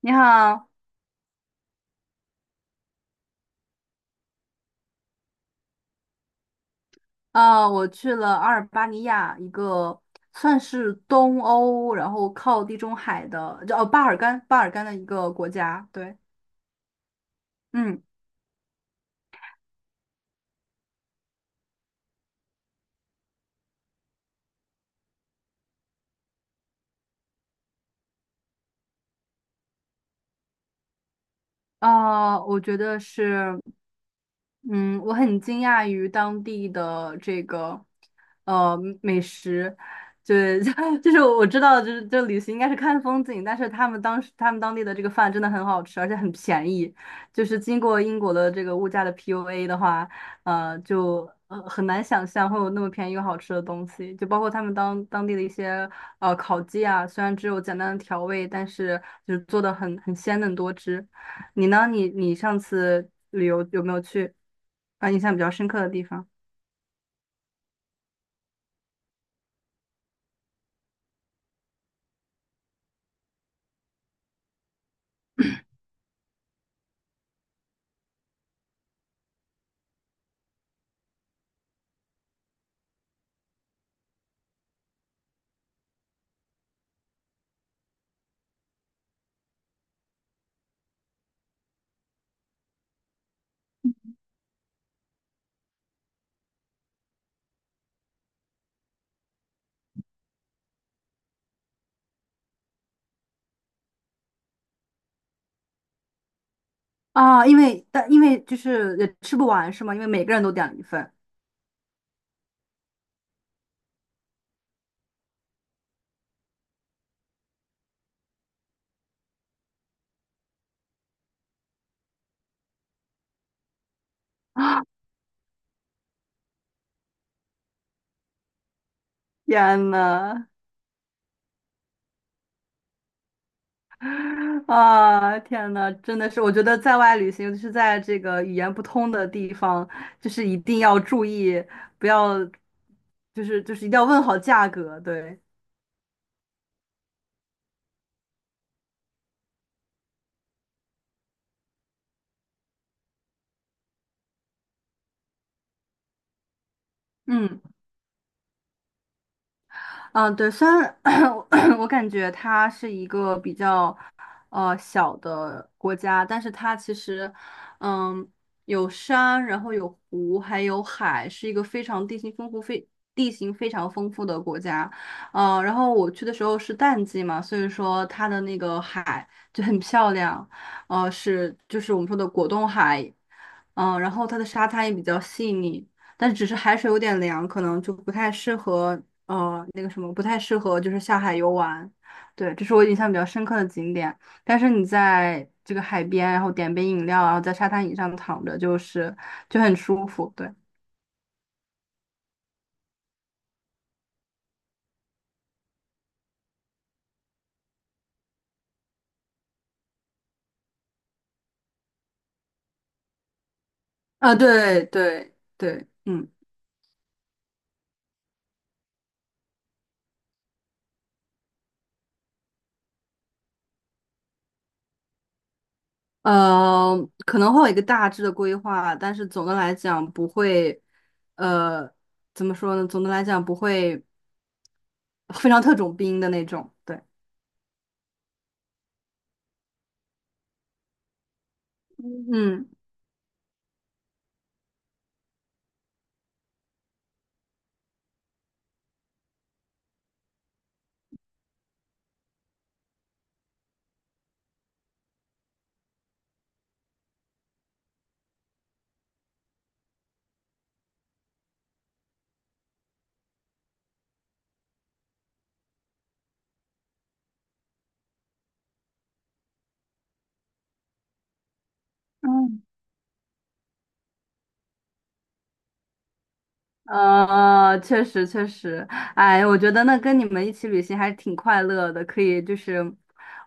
你好。我去了阿尔巴尼亚一个，算是东欧，然后靠地中海的，叫巴尔干的一个国家。对。嗯。啊，我觉得是，嗯，我很惊讶于当地的这个呃美食。就 就是我知道，就是这旅行应该是看风景，但是他们当地的这个饭真的很好吃，而且很便宜，就是经过英国的这个物价的 PUA 的话，就很难想象会有那么便宜又好吃的东西，就包括他们当地的一些烤鸡啊，虽然只有简单的调味，但是就是做的很鲜嫩多汁。你呢？你上次旅游有没有去啊？印象比较深刻的地方啊？因为因为就是也吃不完是吗？因为每个人都点了一份。天呐。啊，天呐，真的是。我觉得在外旅行，尤其是在这个语言不通的地方，就是一定要注意，不要，就是一定要问好价格，对。嗯。嗯，对，虽然 我感觉它是一个比较小的国家，但是它其实嗯有山，然后有湖，还有海，是一个非常地形丰富、非地形非常丰富的国家。然后我去的时候是淡季嘛，所以说它的那个海就很漂亮。是就是我们说的果冻海。然后它的沙滩也比较细腻，但只是海水有点凉，可能就不太适合。那个什么不太适合，就是下海游玩。对，这是我印象比较深刻的景点。但是你在这个海边，然后点杯饮料，然后在沙滩椅上躺着，就是就很舒服。对。啊、对对对，嗯。呃，可能会有一个大致的规划，但是总的来讲不会。呃，怎么说呢？总的来讲不会非常特种兵的那种。对。嗯。确实确实。哎，我觉得那跟你们一起旅行还是挺快乐的，可以就是，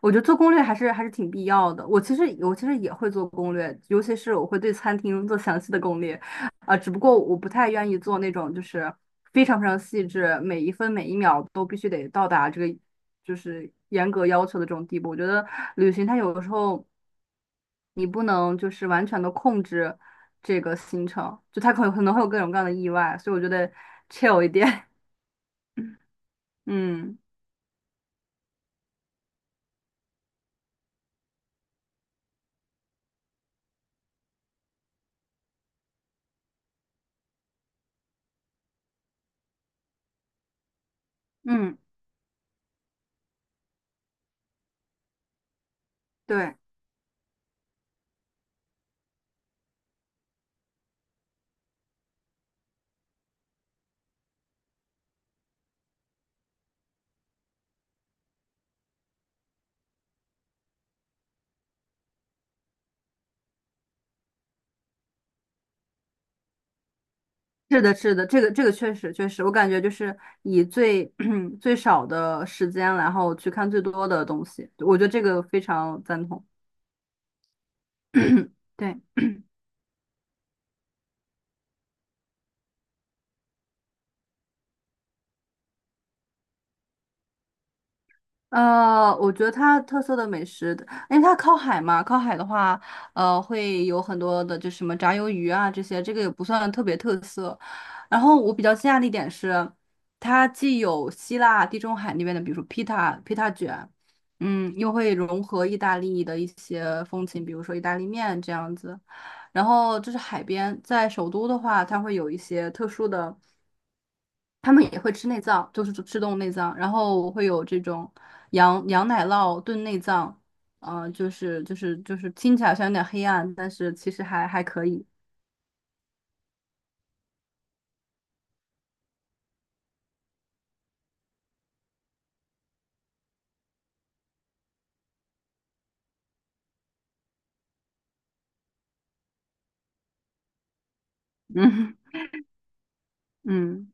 我觉得做攻略还是还是挺必要的。我其实也会做攻略，尤其是我会对餐厅做详细的攻略。啊、只不过我不太愿意做那种就是非常非常细致，每一分每一秒都必须得到达这个。就是严格要求的这种地步。我觉得旅行它有的时候你不能就是完全的控制这个行程，就它可能会有各种各样的意外，所以我觉得 chill 一点。嗯嗯，对。是的，是的，这个确实确实。我感觉就是以最 最少的时间，然后去看最多的东西，我觉得这个非常赞同。对。我觉得它特色的美食，因为它靠海嘛，靠海的话，会有很多的，就什么炸鱿鱼啊这些，这个也不算特别特色。然后我比较惊讶的一点是，它既有希腊、地中海那边的，比如说披萨、披萨卷，又会融合意大利的一些风情，比如说意大利面这样子。然后这是海边，在首都的话，它会有一些特殊的。他们也会吃内脏，就是吃动物内脏，然后我会有这种羊奶酪炖内脏。就是听起来好像有点黑暗，但是其实还可以。嗯 嗯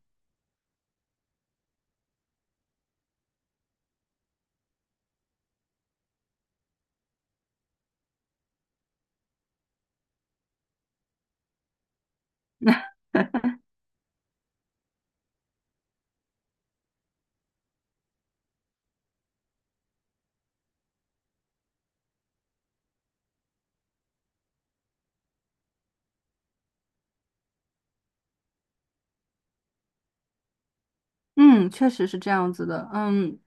嗯，确实是这样子的。嗯，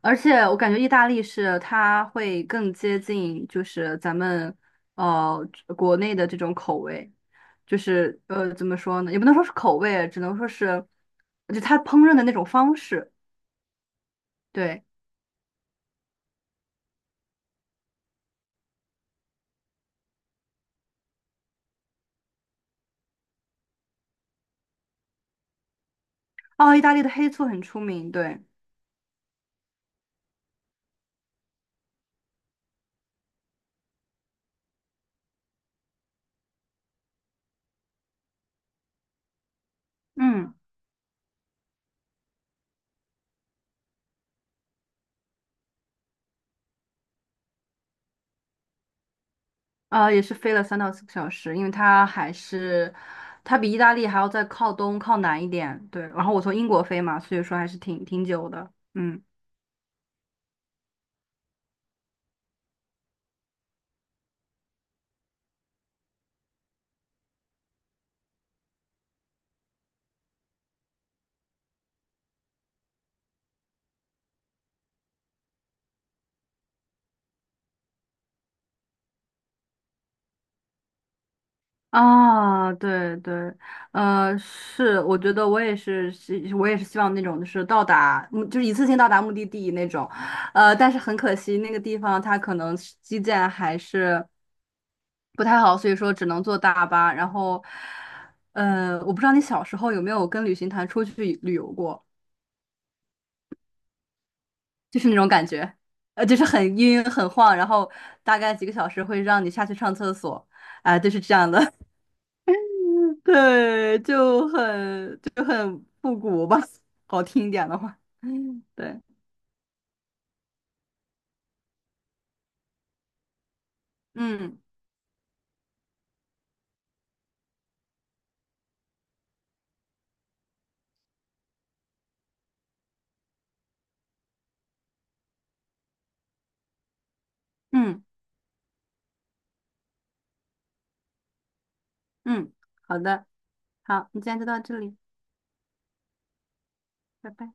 而且我感觉意大利是它会更接近就是咱们呃国内的这种口味。就是怎么说呢，也不能说是口味，只能说是就它烹饪的那种方式。对。哦，意大利的黑醋很出名，对。嗯。也是飞了3到4个小时，因为它还是它比意大利还要再靠东靠南一点，对。然后我从英国飞嘛，所以说还是挺久的，嗯。啊，对对，是，我觉得我也是，是我也是希望那种就是到达，就是一次性到达目的地那种。但是很可惜，那个地方它可能是基建还是不太好，所以说只能坐大巴。然后，我不知道你小时候有没有跟旅行团出去旅游过，就是那种感觉。就是很晕很晃，然后大概几个小时会让你下去上厕所。啊、就是这样的，对，就很复古吧，好听一点的话，对。嗯嗯嗯，好的。好，你今天就到这里。拜拜。